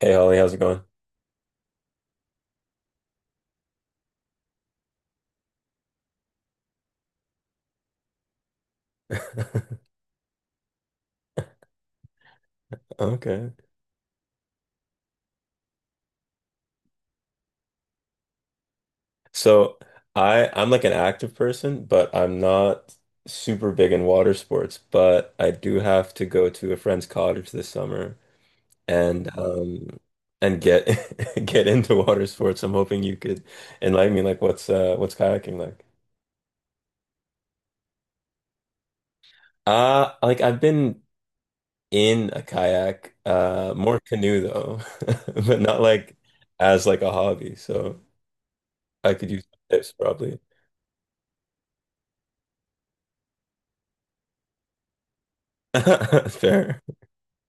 Hey Holly, how's it going? Okay. So I'm like an active person, but I'm not super big in water sports, but I do have to go to a friend's cottage this summer and um and get get into water sports. I'm hoping you could enlighten me like what's kayaking like? Like I've been in a kayak, more canoe though, but not like as like a hobby. So I could use tips probably. Fair.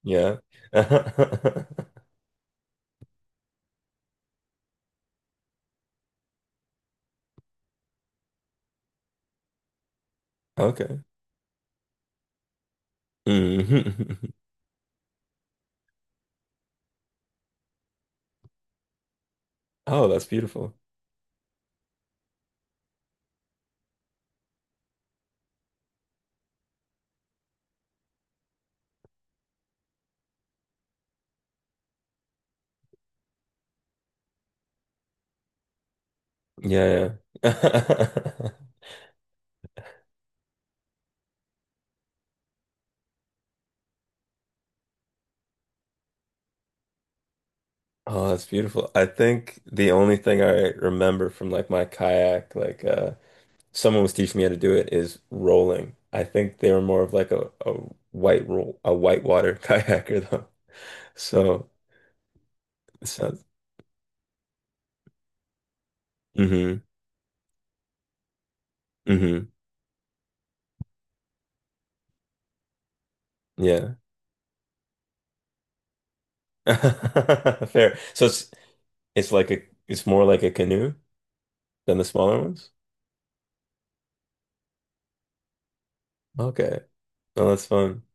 Yeah. Okay. Mhm. Oh, that's beautiful. Yeah, yeah. Oh, that's beautiful. I think the only thing I remember from like my kayak, like someone was teaching me how to do it is rolling. I think they were more of like a white roll a whitewater kayaker though. So it sounds mm-hmm. Mm-hmm. Yeah. Fair. So it's like a it's more like a canoe than the smaller ones? Okay. Well, that's fun.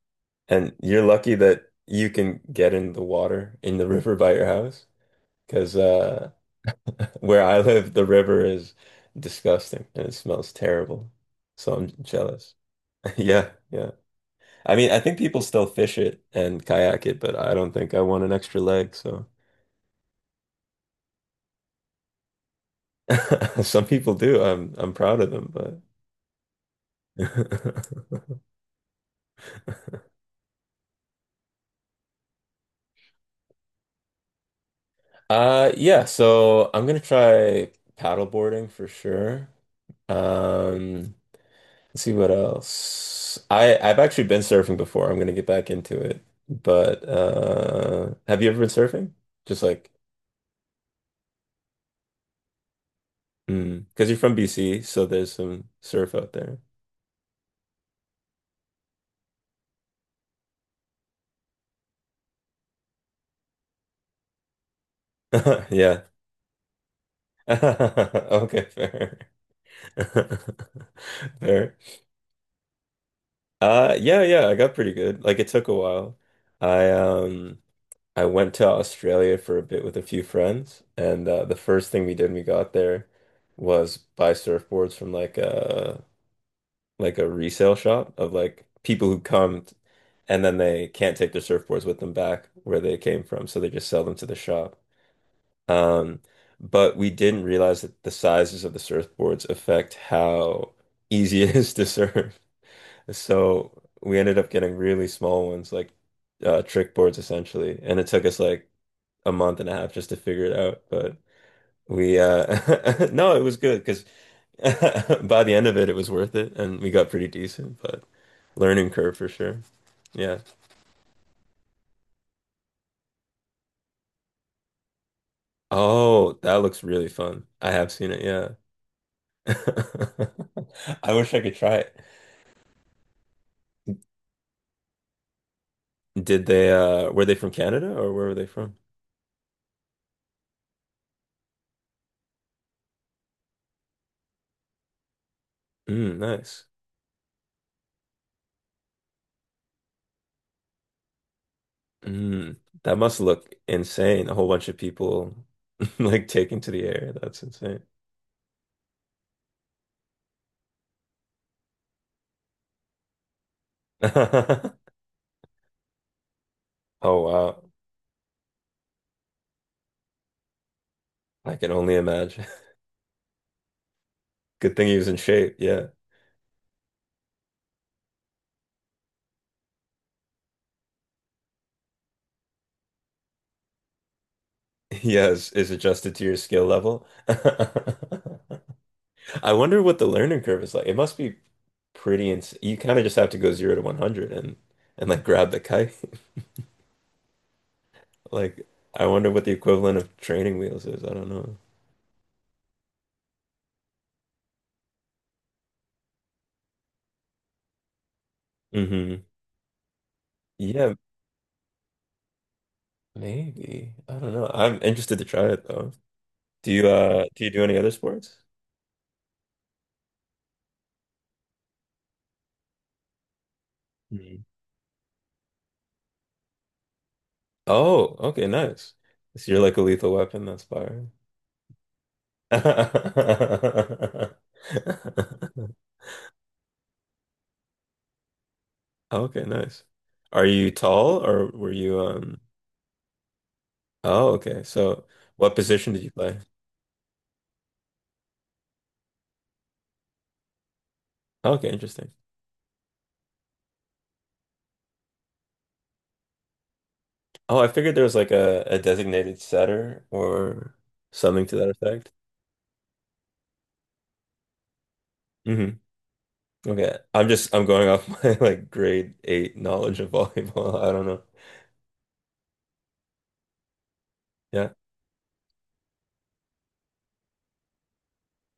And you're lucky that you can get in the water in the river by your house because where I live, the river is disgusting and it smells terrible. So I'm jealous. Yeah, yeah. I mean, I think people still fish it and kayak it, but I don't think I want an extra leg. So some people do. I'm proud of them, but yeah. So I'm gonna try paddleboarding for sure. Um, let's see what else. I've actually been surfing before. I'm gonna get back into it. But have you ever been surfing? Just like mm, because you're from BC, so there's some surf out there. Yeah. Okay, fair. Fair. Yeah, yeah, I got pretty good. Like it took a while. I um I went to Australia for a bit with a few friends and the first thing we did when we got there was buy surfboards from like like a resale shop of like people who and then they can't take their surfboards with them back where they came from, so they just sell them to the shop. Um, but we didn't realize that the sizes of the surfboards affect how easy it is to surf. So we ended up getting really small ones, like trick boards essentially, and it took us like a month and a half just to figure it out. But we no, it was good because. By the end of it, it was worth it, and we got pretty decent, but learning curve for sure. Yeah. Oh, that looks really fun. I have seen it, yeah. I wish I could try it. Did they were they from Canada or where were they from? Mm, nice. Mm, that must look insane. A whole bunch of people like taking to the air. That's insane. Oh wow. I can only imagine. Good thing he was in shape, yeah. Yeah, is adjusted to your skill level. I wonder what the learning curve is like. It must be pretty ins you kind of just have to go zero to 100 and like grab the kite. Like I wonder what the equivalent of training wheels is. I don't know. Hmm. Yeah, maybe. I don't know. I'm interested to try it though. Do you do you do any other sports? Mm. Oh, okay, nice. So you're like a lethal weapon, that's fire. Oh, okay, nice. Are you tall or were you um oh okay. So what position did you play? Oh, okay, interesting. Oh, I figured there was like a designated setter or something to that effect. Hmm. Okay. I'm just I'm going off my like grade eight knowledge of volleyball. I don't know. Yeah.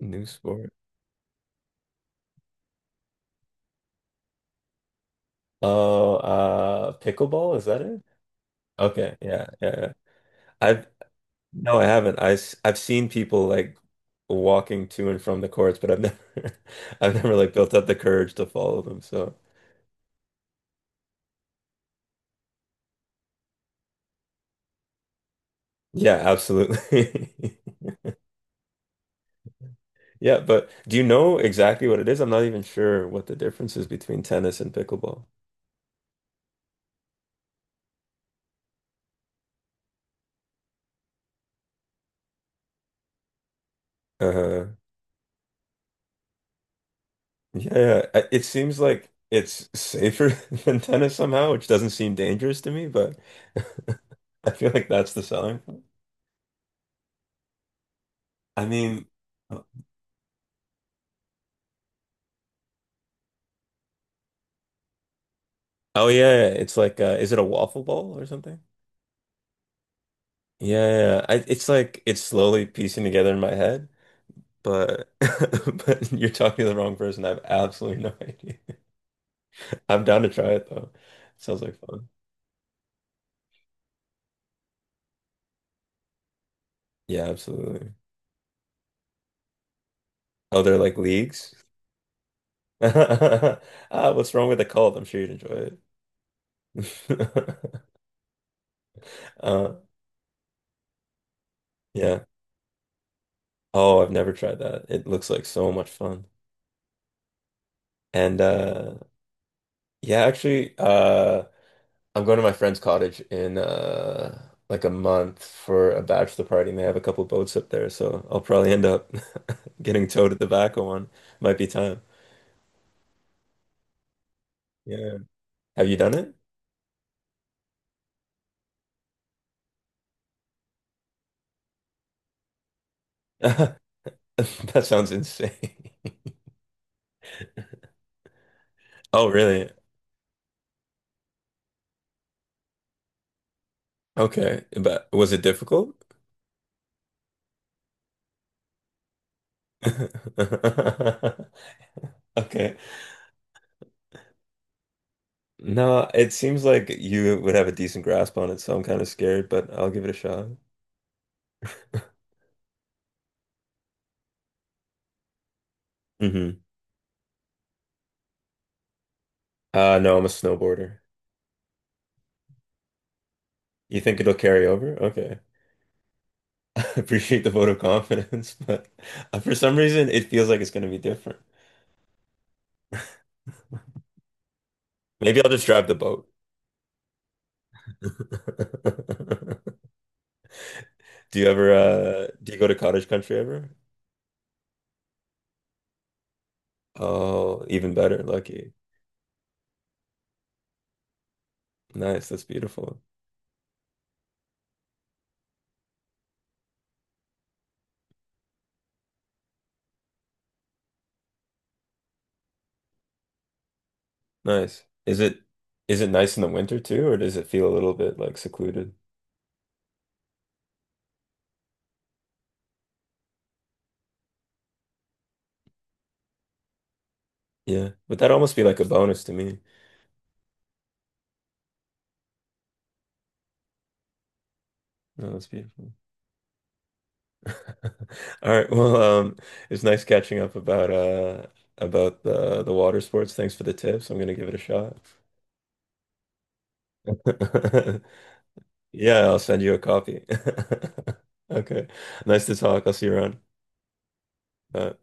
New sport. Oh, pickleball, is that it? Okay, yeah, yeah, yeah. I've no, I haven't. I have seen people like walking to and from the courts, but I've never I've never like built up the courage to follow them. So yeah, absolutely. Yeah, but do you know exactly what it is? I'm not even sure what the difference is between tennis and pickleball. Uh, yeah, yeah. I- It seems like it's safer than tennis somehow, which doesn't seem dangerous to me, but I feel like that's the selling point. I mean, oh yeah, yeah, yeah. It's like is it a waffle ball or something? Yeah, yeah. I, it's like it's slowly piecing together in my head, but but you're talking to the wrong person. I have absolutely no idea. I'm down to try it though. Sounds like fun. Yeah, absolutely. Oh, they're like leagues. Ah, what's wrong with the cult? I'm sure you'd enjoy it. Uh, yeah. Oh, I've never tried that. It looks like so much fun. And yeah, actually, I'm going to my friend's cottage in like a month for a bachelor party, and they have a couple boats up there, so I'll probably end up getting towed at the back of one. Might be time. Yeah. Have you done it? That sounds insane. Oh, really? Okay. But was it difficult? Okay. No, it seems like you would have a decent grasp on it, so I'm kind of scared, but I'll give it a shot. Hmm. No, I'm a snowboarder. You think it'll carry over? Okay. I appreciate the vote of confidence, but for some reason it feels like it's going to be different. Maybe I'll just drive the boat. Do you ever do you go to cottage country ever? Oh, even better, lucky. Nice, that's beautiful. Nice. Is it nice in the winter too, or does it feel a little bit like secluded? Yeah, but that'd almost be like a bonus to me. No, that's beautiful. All right, well, it's nice catching up about the water sports. Thanks for the tips. I'm gonna give it a shot. Yeah, I'll send you a copy. Okay. Nice to talk. I'll see you around. Bye.